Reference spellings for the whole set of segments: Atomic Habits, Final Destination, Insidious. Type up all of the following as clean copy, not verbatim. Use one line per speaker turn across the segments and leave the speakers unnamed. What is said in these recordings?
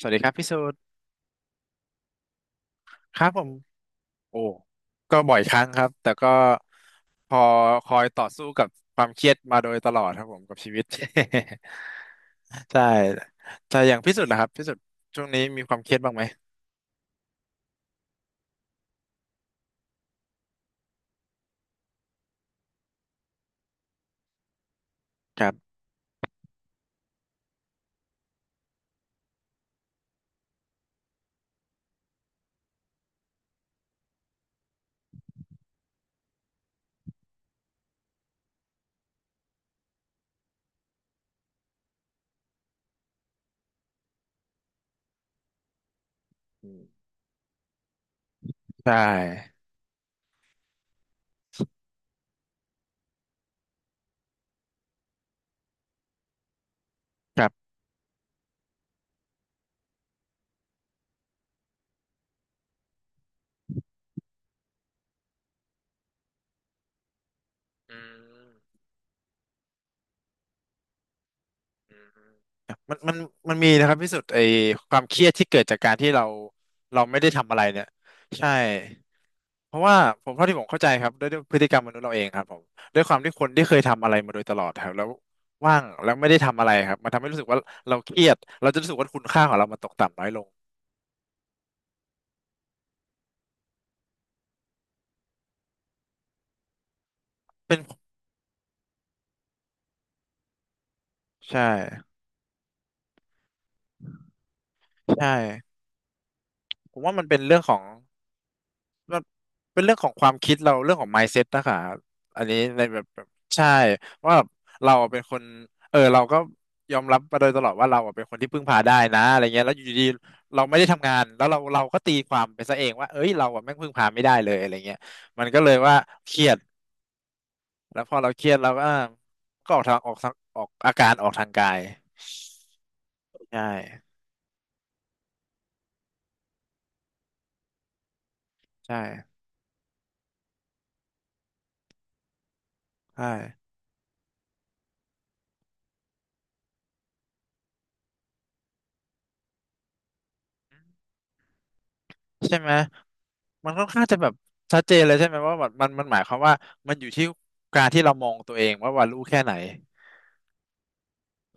สวัสดีครับพี่สูตรครับผมโอ้ก็บ่อยครั้งครับแต่ก็พอคอยต่อสู้กับความเครียดมาโดยตลอดครับผมกับชีวิต ใช่แต่อย่างพี่สุดนะครับพี่สุดช่วงนี้มีความเครียดบ้างไหมครับอืมใช่ครับอืมอืมมันมันมันมีนะครับพี่สุดไอ้ความเครียดที่เกิดจากการที่เราไม่ได้ทำอะไรเนี่ยใช่ เพราะว่าผมเท่าที่ผมเข้าใจครับด้วยพฤติกรรมมนุษย์เราเองครับผมด้วยความที่คนที่เคยทำอะไรมาโดยตลอดครับแล้วว่างแล้วไม่ได้ทำอะไรครับมันทำให้รู้สึกว่าเราเครียดเราจะรู้สึกว่าคุณค่าของเรามันตกต่ำน้อยลงเป็นใช่ใช่ผมว่ามันเป็นเรื่องของ มันเป็นเรื่องของความคิดเราเรื่องของ mindset นะคะอันนี้ในแบบใช่ว่าแบบเราเป็นคนเออเราก็ยอมรับมาโดยตลอดว่าเราอะเป็นคนที่พึ่งพาได้นะอะไรเงี้ยแล้วอยู่ดีๆเราไม่ได้ทำงานแล้วเราก็ตีความไปซะเองว่าเอ้ยเราอะแม่งพึ่งพาไม่ได้เลยอะไรเงี้ยมันก็เลยว่าเครียดแล้วพอเราเครียดเราก็ก็ออกอาการออกทางกายใช่ใช่ใช่ ใช่ไหม มันค่อนข้างจะแบบชัดเจนเลยใช่ไหมว่าแบบมันหมายความว่ามันอยู่ที่การที่เรามองตัวเองว่ารู้แค่ไหน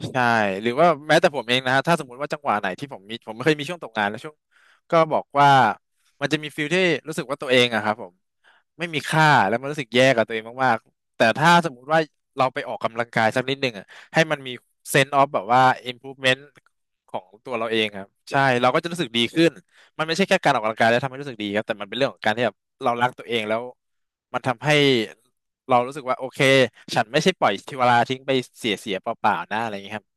ใช่หรือว่าแม้แต่ผมเองนะฮะถ้าสมมติว่าจังหวะไหนที่ผมมีผมไม่เคยมีช่วงตกงานแล้วช่วงก็บอกว่ามันจะมีฟิลที่รู้สึกว่าตัวเองอะครับผมไม่มีค่าแล้วมันรู้สึกแย่กับตัวเองมากๆแต่ถ้าสมมุติว่าเราไปออกกำลังกายสักนิดหนึ่งอะให้มันมี sense of แบบว่า improvement ของตัวเราเองครับใช่เราก็จะรู้สึกดีขึ้นมันไม่ใช่แค่การออกกำลังกายแล้วทำให้รู้สึกดีครับแต่มันเป็นเรื่องของการที่แบบเรารักตัวเองแล้วมันทำให้เรารู้สึกว่าโอเคฉันไม่ใช่ปล่อยชีวาลาทิ้งไปเสียเปล่าๆนะอะไรอย่างเงี้ยครับ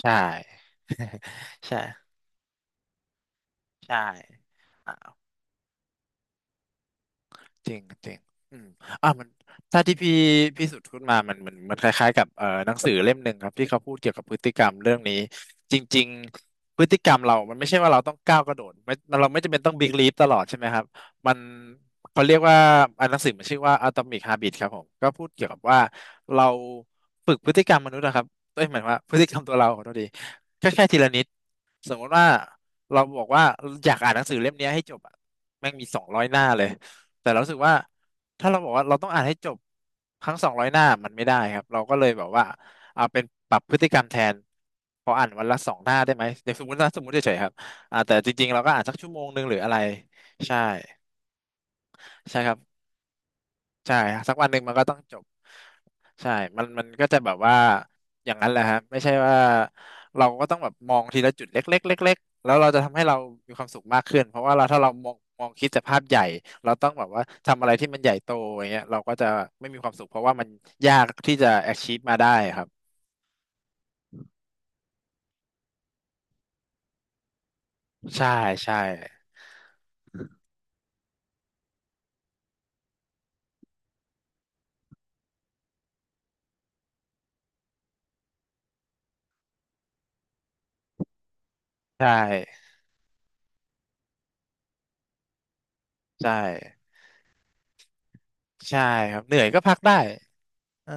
ใช่ ใช่ใช่อ่า จริงจริงอืมอ่ะมันถ้าที่พี่สุดพูดมามันคล้ายๆกับหนังสือเล่มหนึ่งครับที่เขาพูดเกี่ยวกับพฤติกรรมเรื่องนี้จริงๆพฤติกรรมเรามันไม่ใช่ว่าเราต้องก้าวกระโดดไม่เราไม่จำเป็นต้องบิ๊กลีฟตลอดใช่ไหมครับมันเขาเรียกว่าอันหนังสือมันชื่อว่า Atomic Habit ครับผมก็พูดเกี่ยวกับว่าเราฝึกพฤติกรรมมนุษย์นะครับเอ้ยหมายความว่าพฤติกรรมตัวเราขอโทษดีแค่ทีละนิดสมมติว่าเราบอกว่าอยากอ่านหนังสือเล่มเนี้ยให้จบอะแม่งมีสองร้อยหน้าเลย แต่เรารู้สึกว่าถ้าเราบอกว่าเราต้องอ่านให้จบทั้งสองร้อยหน้ามันไม่ได้ครับเราก็เลยแบบว่าเอาเป็นปรับพฤติกรรมแทนพออ่านวันละสองหน้าได้ไหมอย่างสมมตินะสมมติเฉยๆครับอ่าแต่จริงๆเราก็อ่านสักชั่วโมงหนึ่งหรืออะไรใช่ใช่ครับ ใช่ฮะสักวันหนึ่งมันก็ต้องจบใช่มันก็จะแบบว่าอย่างนั้นแหละฮะไม่ใช่ว่าเราก็ต้องแบบมองทีละจุดเล็กๆเล็กๆแล้วเราจะทำให้เรามีความสุขมากขึ้นเพราะว่าเราถ้าเรามองคิดแต่ภาพใหญ่เราต้องแบบว่าทำอะไรที่มันใหญ่โตอย่างเงี้ยเราก็จะไม่มีความสุขเพราะว่ามันยากที่จะ achieve มาได้ครับใช่ใช่ใช่ใช่ใช่ครับเหนื่อยก็พักได้เออ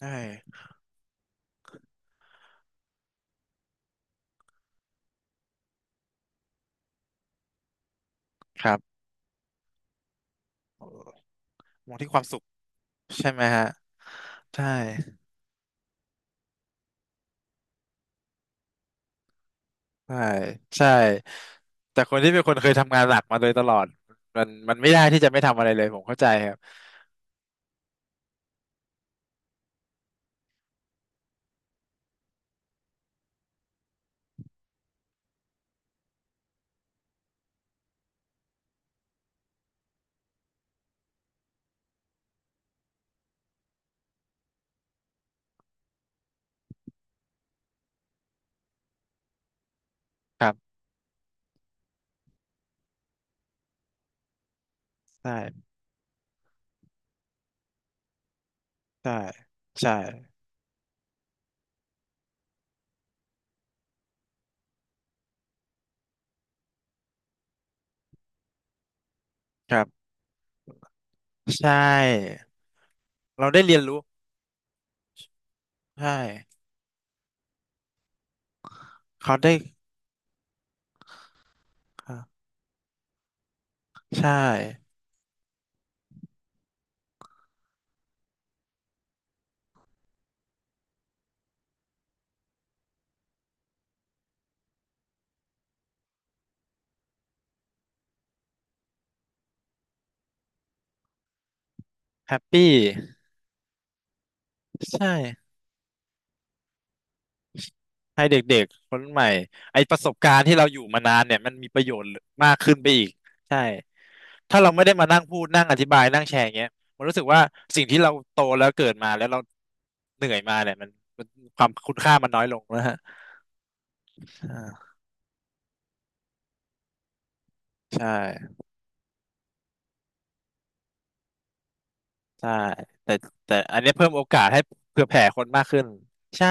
ใช่ครับมองที่ความสุขใช่ไหมฮะใช่ ใช่ใช่แต่คนที่เป็นคนเคยทำงานหลักมาโดยตลอดมันไม่ได้ที่จะไม่ทำอะไรเลยผมเข้าใจครับครับใช่ใช่ใช่ครับใช่เราได้เรียนรู้ใช่เขาได้ครับใช่แฮปปี้ใช่ ให้เด็กๆคนใหม่ไอประสบการณ์ที่เราอยู่มานานเนี่ยมันมีประโยชน์มากขึ้นไปอีกใช่ถ้าเราไม่ได้มานั่งพูดนั่งอธิบายนั่งแชร์อย่างเงี้ยมันรู้สึกว่าสิ่งที่เราโตแล้วเกิดมาแล้วเราเหนื่อยมาเนี่ยมันความคุณค่ามันน้อยลงนะฮะอ่าใช่ใช่แต่แต่อันนี้เพิ่มโอกาสให้เผื่อแผ่คนมากขึ้นใช่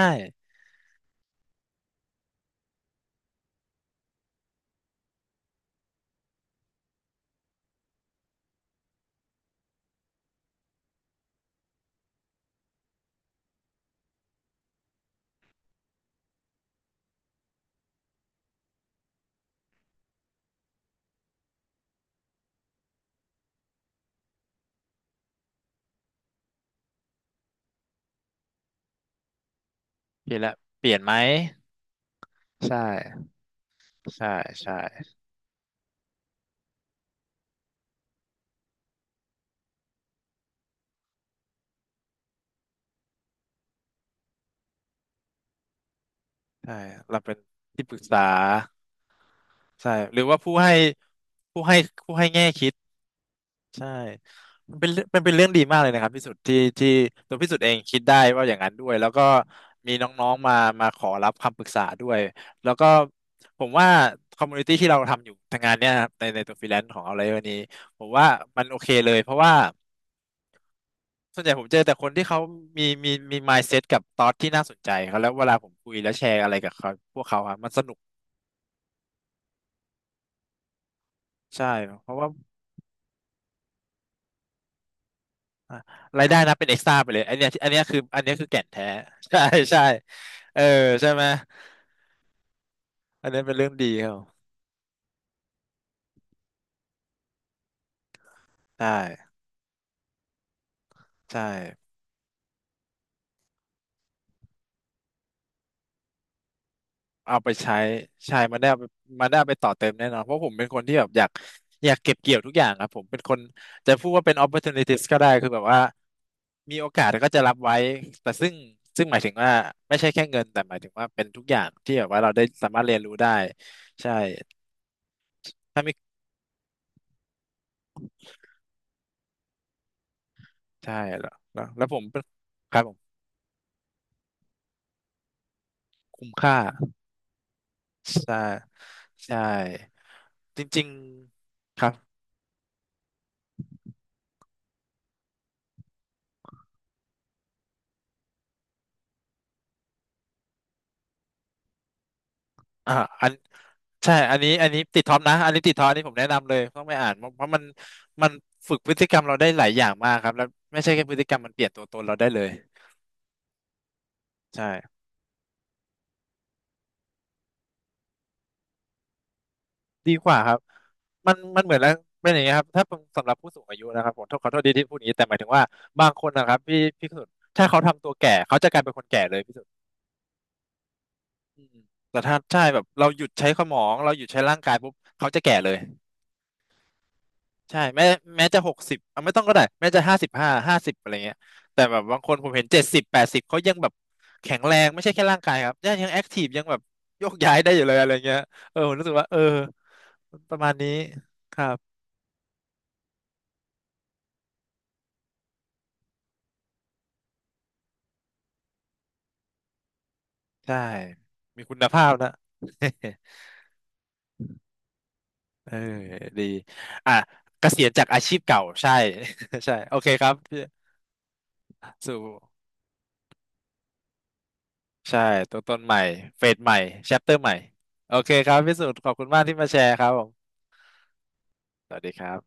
เปลี่ยนละเปลี่ยนไหมใช่ใช่ใช่ใช่เราเป็นที่ปรึกษาใช่หรือว่าผู้ให้ผู้ให้ผู้ให้แง่คิด ใช่มันเป็นเรื่องดีมากเลยนะครับพี่สุดที่ตัวพี่สุดเองคิดได้ว่าอย่างนั้นด้วยแล้วก็มีน้องๆมาขอรับคำปรึกษาด้วยแล้วก็ผมว่าคอมมูนิตี้ที่เราทำอยู่ทางงานเนี่ยนะครับในตัวฟรีแลนซ์ของเราเลยวันนี้ผมว่ามันโอเคเลยเพราะว่าส่วนใหญ่ผมเจอแต่คนที่เขามี mindset กับ thought ที่น่าสนใจเขาแล้วเวลาผมคุยแล้วแชร์อะไรกับเขาพวกเขาครับมันสนุกใช่เพราะว่า อ่ะรายได้นะเป็นเอ็กซ์ตร้าไปเลยอันเนี้ยอันเนี้ยคืออันเนี้ยคือแก่นแท้ ใช่ใช่เออใช่ไหมอันเนี้ยเป็นเรื่องดีครับใช่ใช่เอาไปใช้ใช่มันได้เอาไปต่อเติมแน่นอนเพราะผมเป็นคนที่แบบอยากอยากเก็บเกี่ยวทุกอย่างครับผมเป็นคนจะพูดว่าเป็น opportunities ก็ได้คือแบบว่ามีโอกาสก็จะรับไว้แต่ซึ่งหมายถึงว่าไม่ใช่แค่เงินแต่หมายถึงว่าเป็นทุกอย่างที่แบบว่าเราได้สามารถเรียนรู้ได้ใช่ถ้าไม่ใช่แล้วผมเป็นครับผมคุ้มค่า ใช่ใช่จริงๆครับอ่าอันใช่อันนี้อันนี้ติดท็อปนะอันนี้ติดท็อปอันนี้ผมแนะนำเลยต้องไปอ่านเพราะมันฝึกพฤติกรรมเราได้หลายอย่างมากครับแล้วไม่ใช่แค่พฤติกรรมมันเปลี่ยนตัวตนเราได้เลยใช่ดีกว่าครับมันเหมือนแล้วเป็นอย่างเงี้ยครับถ้าเป็นสำหรับผู้สูงอายุนะครับผมขอโทษดีที่พูดอย่างนี้แต่หมายถึงว่าบางคนนะครับพี่สุดถ้าเขาทำตัวแก่เขาจะกลายเป็นคนแก่เลยพี่สุดอืมแต่ถ้าใช่แบบเราหยุดใช้สมองเราหยุดใช้ร่างกายปุ๊บเขาจะแก่เลย ใช่แม้จะ60เอาไม่ต้องก็ได้แม้จะ55ห้าสิบอะไรเงี้ยแต่แบบบางคนผมเห็น7080เขายังแบบแข็งแรงไม่ใช่แค่ร่างกายครับยังแอคทีฟยังแบบโยกย้ายได้อยู่เลยอะไรเงี้ยเออผมรู้สึกว่าเออประมาณนี้ครับใช่มีคุณภาพนะ เออดีอ่ะเกษียณจากอาชีพเก่าใช่ ใช่โอเคครับพี่สู่ใช่ตัวตนใหม่เฟสใหม่แชปเตอร์ใหม่โอเคครับพี่สุดขอบคุณมากที่มาแชร์ครับผมสวัสดีครับ